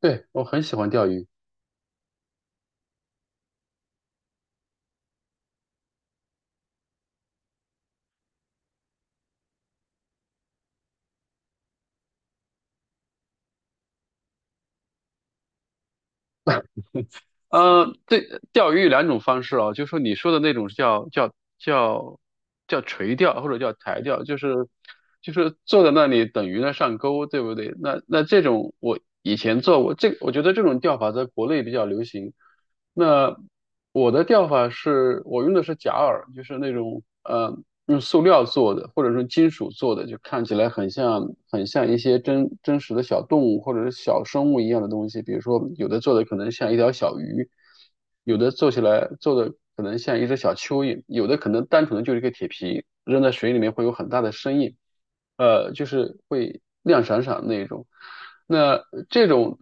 对，我很喜欢钓鱼。钓鱼有两种方式啊，就是说你说的那种是叫叫垂钓或者叫台钓，就是坐在那里等鱼呢上钩，对不对？那这种我以前做过，这我觉得这种钓法在国内比较流行。那我的钓法是我用的是假饵，就是那种嗯。用塑料做的，或者说金属做的，就看起来很像一些真实的小动物或者是小生物一样的东西。比如说，有的做的可能像一条小鱼，有的做起来做的可能像一只小蚯蚓，有的可能单纯的就是一个铁皮，扔在水里面会有很大的声音，就是会亮闪闪的那种。那这种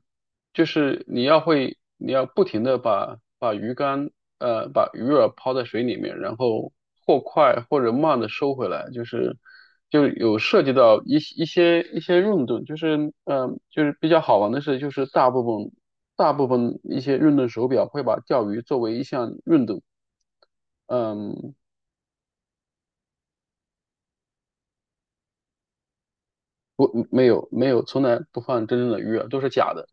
就是你要会，你要不停的把鱼竿，把鱼饵抛在水里面，然后或快或者慢的收回来，就是就有涉及到一些运动，就是就是比较好玩的是，就是大部分一些运动手表会把钓鱼作为一项运动，嗯，不，没有，从来不放真正的鱼饵，都是假的。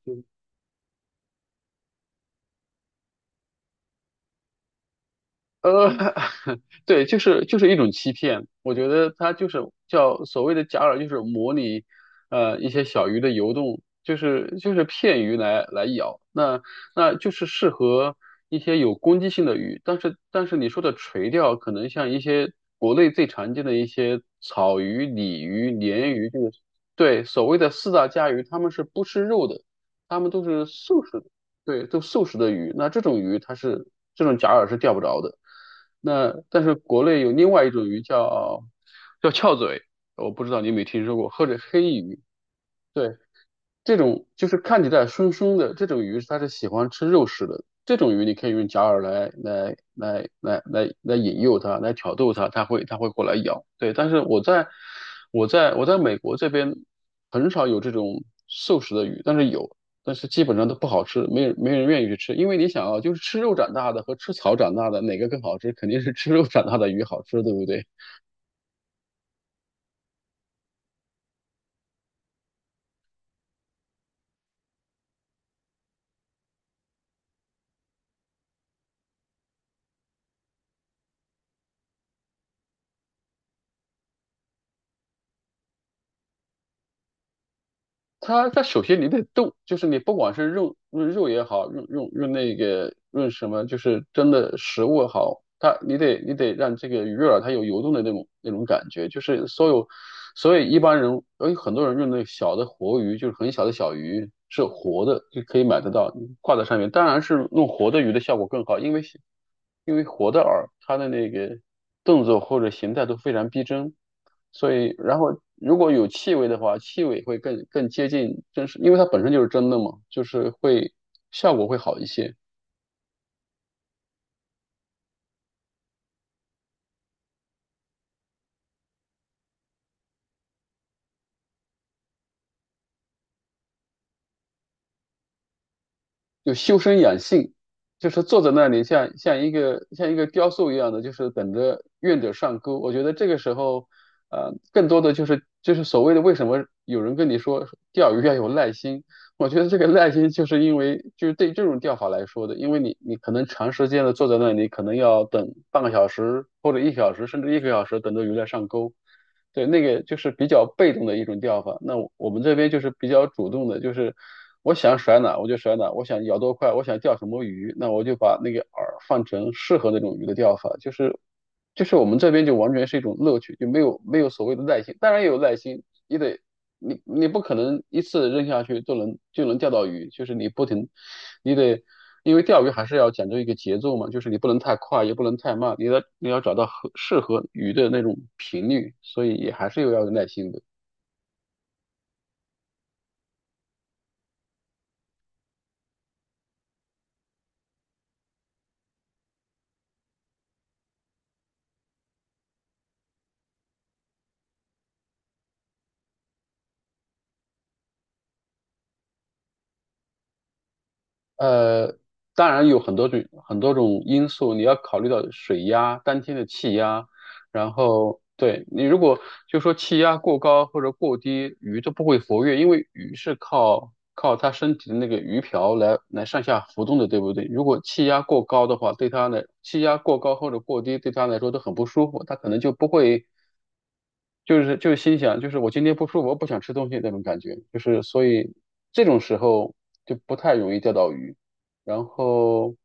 呃，对，就是一种欺骗。我觉得它就是叫所谓的假饵，就是模拟一些小鱼的游动，就是骗鱼来咬。那就是适合一些有攻击性的鱼，但是你说的垂钓，可能像一些国内最常见的一些草鱼、鲤鱼、鲢鱼，就是对所谓的四大家鱼，它们是不吃肉的，它们都是素食的。对，都素食的鱼，那这种鱼它是这种假饵是钓不着的。那但是国内有另外一种鱼叫翘嘴，我不知道你有没有听说过，或者黑鱼。对。这种就是看起来凶凶的这种鱼，它是喜欢吃肉食的。这种鱼你可以用假饵来引诱它，来挑逗它，它会过来咬。对，但是我在美国这边很少有这种素食的鱼，但是有，但是基本上都不好吃，没人愿意去吃。因为你想啊，就是吃肉长大的和吃草长大的，哪个更好吃？肯定是吃肉长大的鱼好吃，对不对？它它首先你得动，就是你不管是用肉也好，用用用那个用什么，就是真的食物也好，它你得让这个鱼饵它有游动的那种感觉，就是所以一般人，哎，很多人用那个小的活鱼，就是很小的小鱼，是活的，就可以买得到，挂在上面。当然是用活的鱼的效果更好，因为活的饵，它的那个动作或者形态都非常逼真，所以然后如果有气味的话，气味会更接近真实，因为它本身就是真的嘛，就是会效果会好一些。就修身养性，就是坐在那里像一个像一个雕塑一样的，就是等着愿者上钩。我觉得这个时候，更多的就是所谓的为什么有人跟你说钓鱼要有耐心，我觉得这个耐心就是因为就是对这种钓法来说的，因为你你可能长时间的坐在那里，可能要等半个小时或者一小时，甚至一个小时等着鱼来上钩。对，那个就是比较被动的一种钓法。那我们这边就是比较主动的，就是我想甩哪我就甩哪，我想咬多快，我想钓什么鱼，那我就把那个饵放成适合那种鱼的钓法。就是我们这边就完全是一种乐趣，就没有所谓的耐心，当然也有耐心，也得你你不可能一次扔下去就能钓到鱼，就是你不停，你得因为钓鱼还是要讲究一个节奏嘛，就是你不能太快，也不能太慢，你要找到合适合鱼的那种频率，所以也还是有要有耐心的。呃，当然有很多种因素，你要考虑到水压、当天的气压，然后对你如果就说气压过高或者过低，鱼都不会活跃，因为鱼是靠它身体的那个鱼鳔来上下浮动的，对不对？如果气压过高的话，对它来气压过高或者过低，对它来说都很不舒服，它可能就不会。就是心想，就是我今天不舒服，我不想吃东西那种感觉，就是所以这种时候就不太容易钓到鱼。然后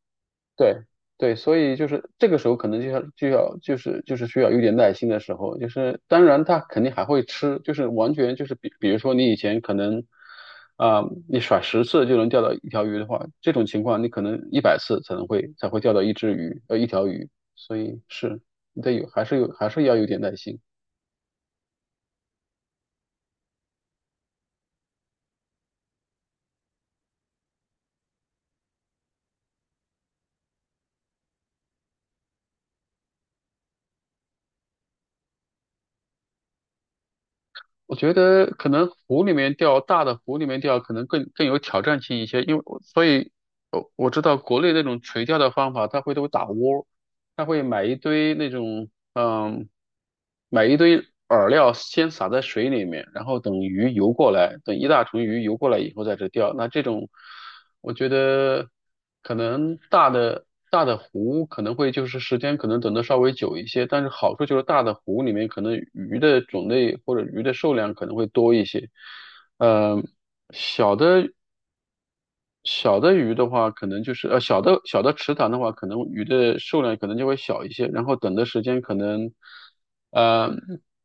对对，所以就是这个时候可能就是需要有点耐心的时候，就是当然他肯定还会吃，就是完全就是比如说你以前可能啊、你甩10次就能钓到一条鱼的话，这种情况你可能100次才会钓到一只鱼一条鱼，所以是你得有还是有还是要有点耐心。我觉得可能湖里面钓，大的湖里面钓可能更有挑战性一些，因为我所以，我知道国内那种垂钓的方法，它会都打窝，它会买一堆那种嗯，买一堆饵料，先撒在水里面，然后等鱼游过来，等一大群鱼游过来以后在这钓。那这种，我觉得可能大的湖可能会就是时间可能等的稍微久一些，但是好处就是大的湖里面可能鱼的种类或者鱼的数量可能会多一些。呃，小的小的鱼的话，可能就是小的池塘的话，可能鱼的数量可能就会小一些，然后等的时间可能，呃，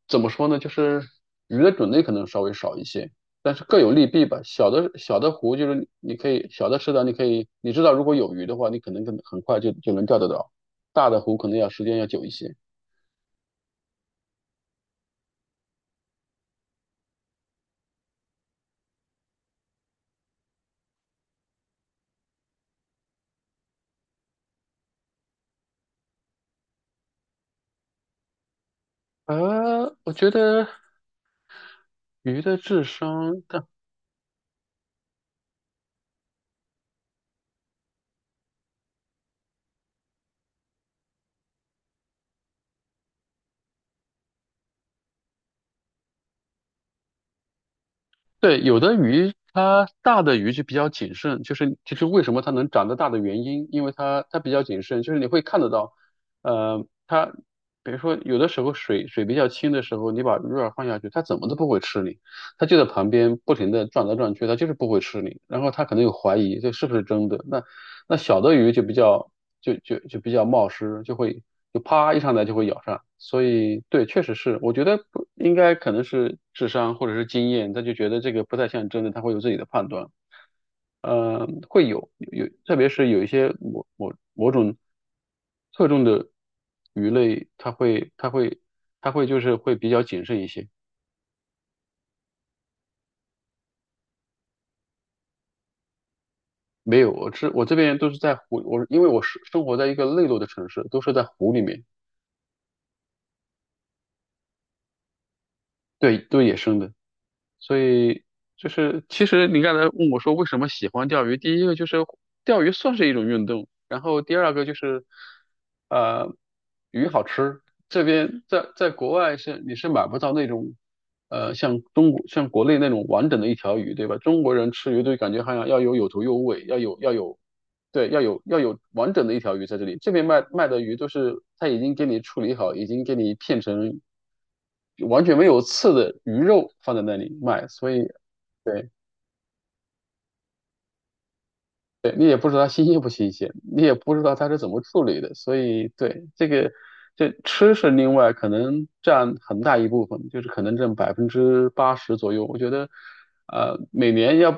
怎么说呢，就是鱼的种类可能稍微少一些，但是各有利弊吧。小的湖就是你可以小的池塘，你可以你知道如果有鱼的话，你可能很快就能钓得到，大的湖可能要时间要久一些。我觉得鱼的智商。对，有的鱼它大的鱼就比较谨慎，就是为什么它能长得大的原因，因为它比较谨慎，就是你会看得到，呃，它比如说有的时候水比较清的时候，你把鱼饵放下去，它怎么都不会吃你，它就在旁边不停的转来转去，它就是不会吃你，然后它可能有怀疑这是不是真的，那小的鱼就比较就就就比较冒失，就会就啪一上来就会咬上。所以对，确实是，我觉得不应该可能是智商或者是经验，他就觉得这个不太像真的，他会有自己的判断。会有，特别是有一些某某种特重的鱼类，它会就是会比较谨慎一些。没有，我这边都是在湖，我因为我是生活在一个内陆的城市，都是在湖里面，对，都是野生的。所以就是其实你刚才问我说为什么喜欢钓鱼，第一个就是钓鱼算是一种运动，然后第二个就是呃鱼好吃，这边在国外是你是买不到那种像中国像国内那种完整的一条鱼，对吧？中国人吃鱼都感觉好像要有有头有尾，要有。对，要有完整的一条鱼在这里。这边卖的鱼都是他已经给你处理好，已经给你片成完全没有刺的鱼肉放在那里卖，所以。对。对，你也不知道它新鲜不新鲜，你也不知道它是怎么处理的，所以对这个，这吃是另外可能占很大一部分，就是可能占80%左右。我觉得，每年要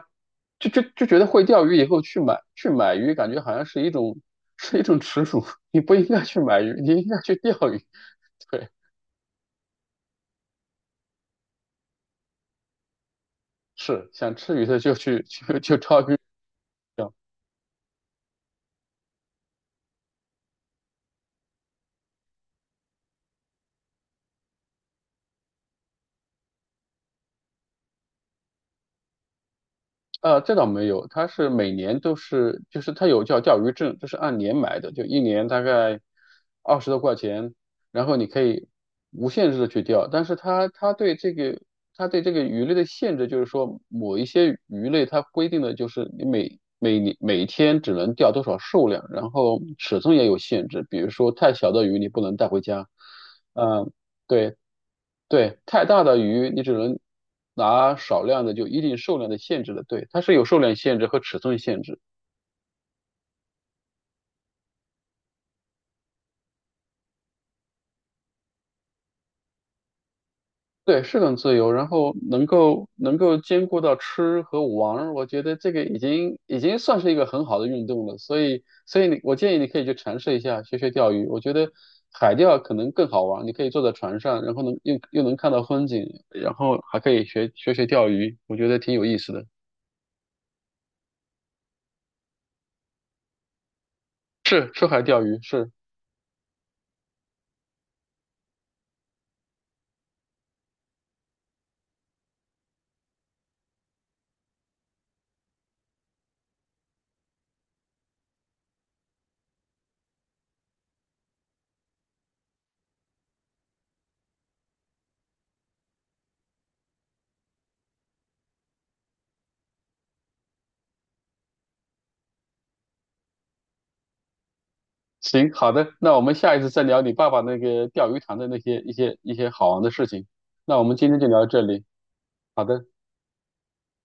就就就觉得会钓鱼以后去买鱼，感觉好像是一种是一种耻辱，你不应该去买鱼，你应该去钓鱼。对，是想吃鱼的去就钓鱼。这倒没有，它是每年都是，就是它有叫钓鱼证，就是按年买的，就一年大概20多块钱，然后你可以无限制的去钓，但是它对这个它对这个鱼类的限制就是说，某一些鱼类它规定的就是你每年每天只能钓多少数量，然后尺寸也有限制，比如说太小的鱼你不能带回家，嗯、对，太大的鱼你只能拿少量的，就一定数量的限制的。对，它是有数量限制和尺寸限制。对，是很自由，然后能够兼顾到吃和玩我觉得这个已经算是一个很好的运动了。所以，所以你我建议你可以去尝试一下，学学钓鱼。我觉得海钓可能更好玩你可以坐在船上，然后能又能看到风景，然后还可以学学钓鱼，我觉得挺有意思的。是，出海钓鱼是。行，好的，那我们下一次再聊你爸爸那个钓鱼塘的那些一些好玩的事情。那我们今天就聊到这里，好的。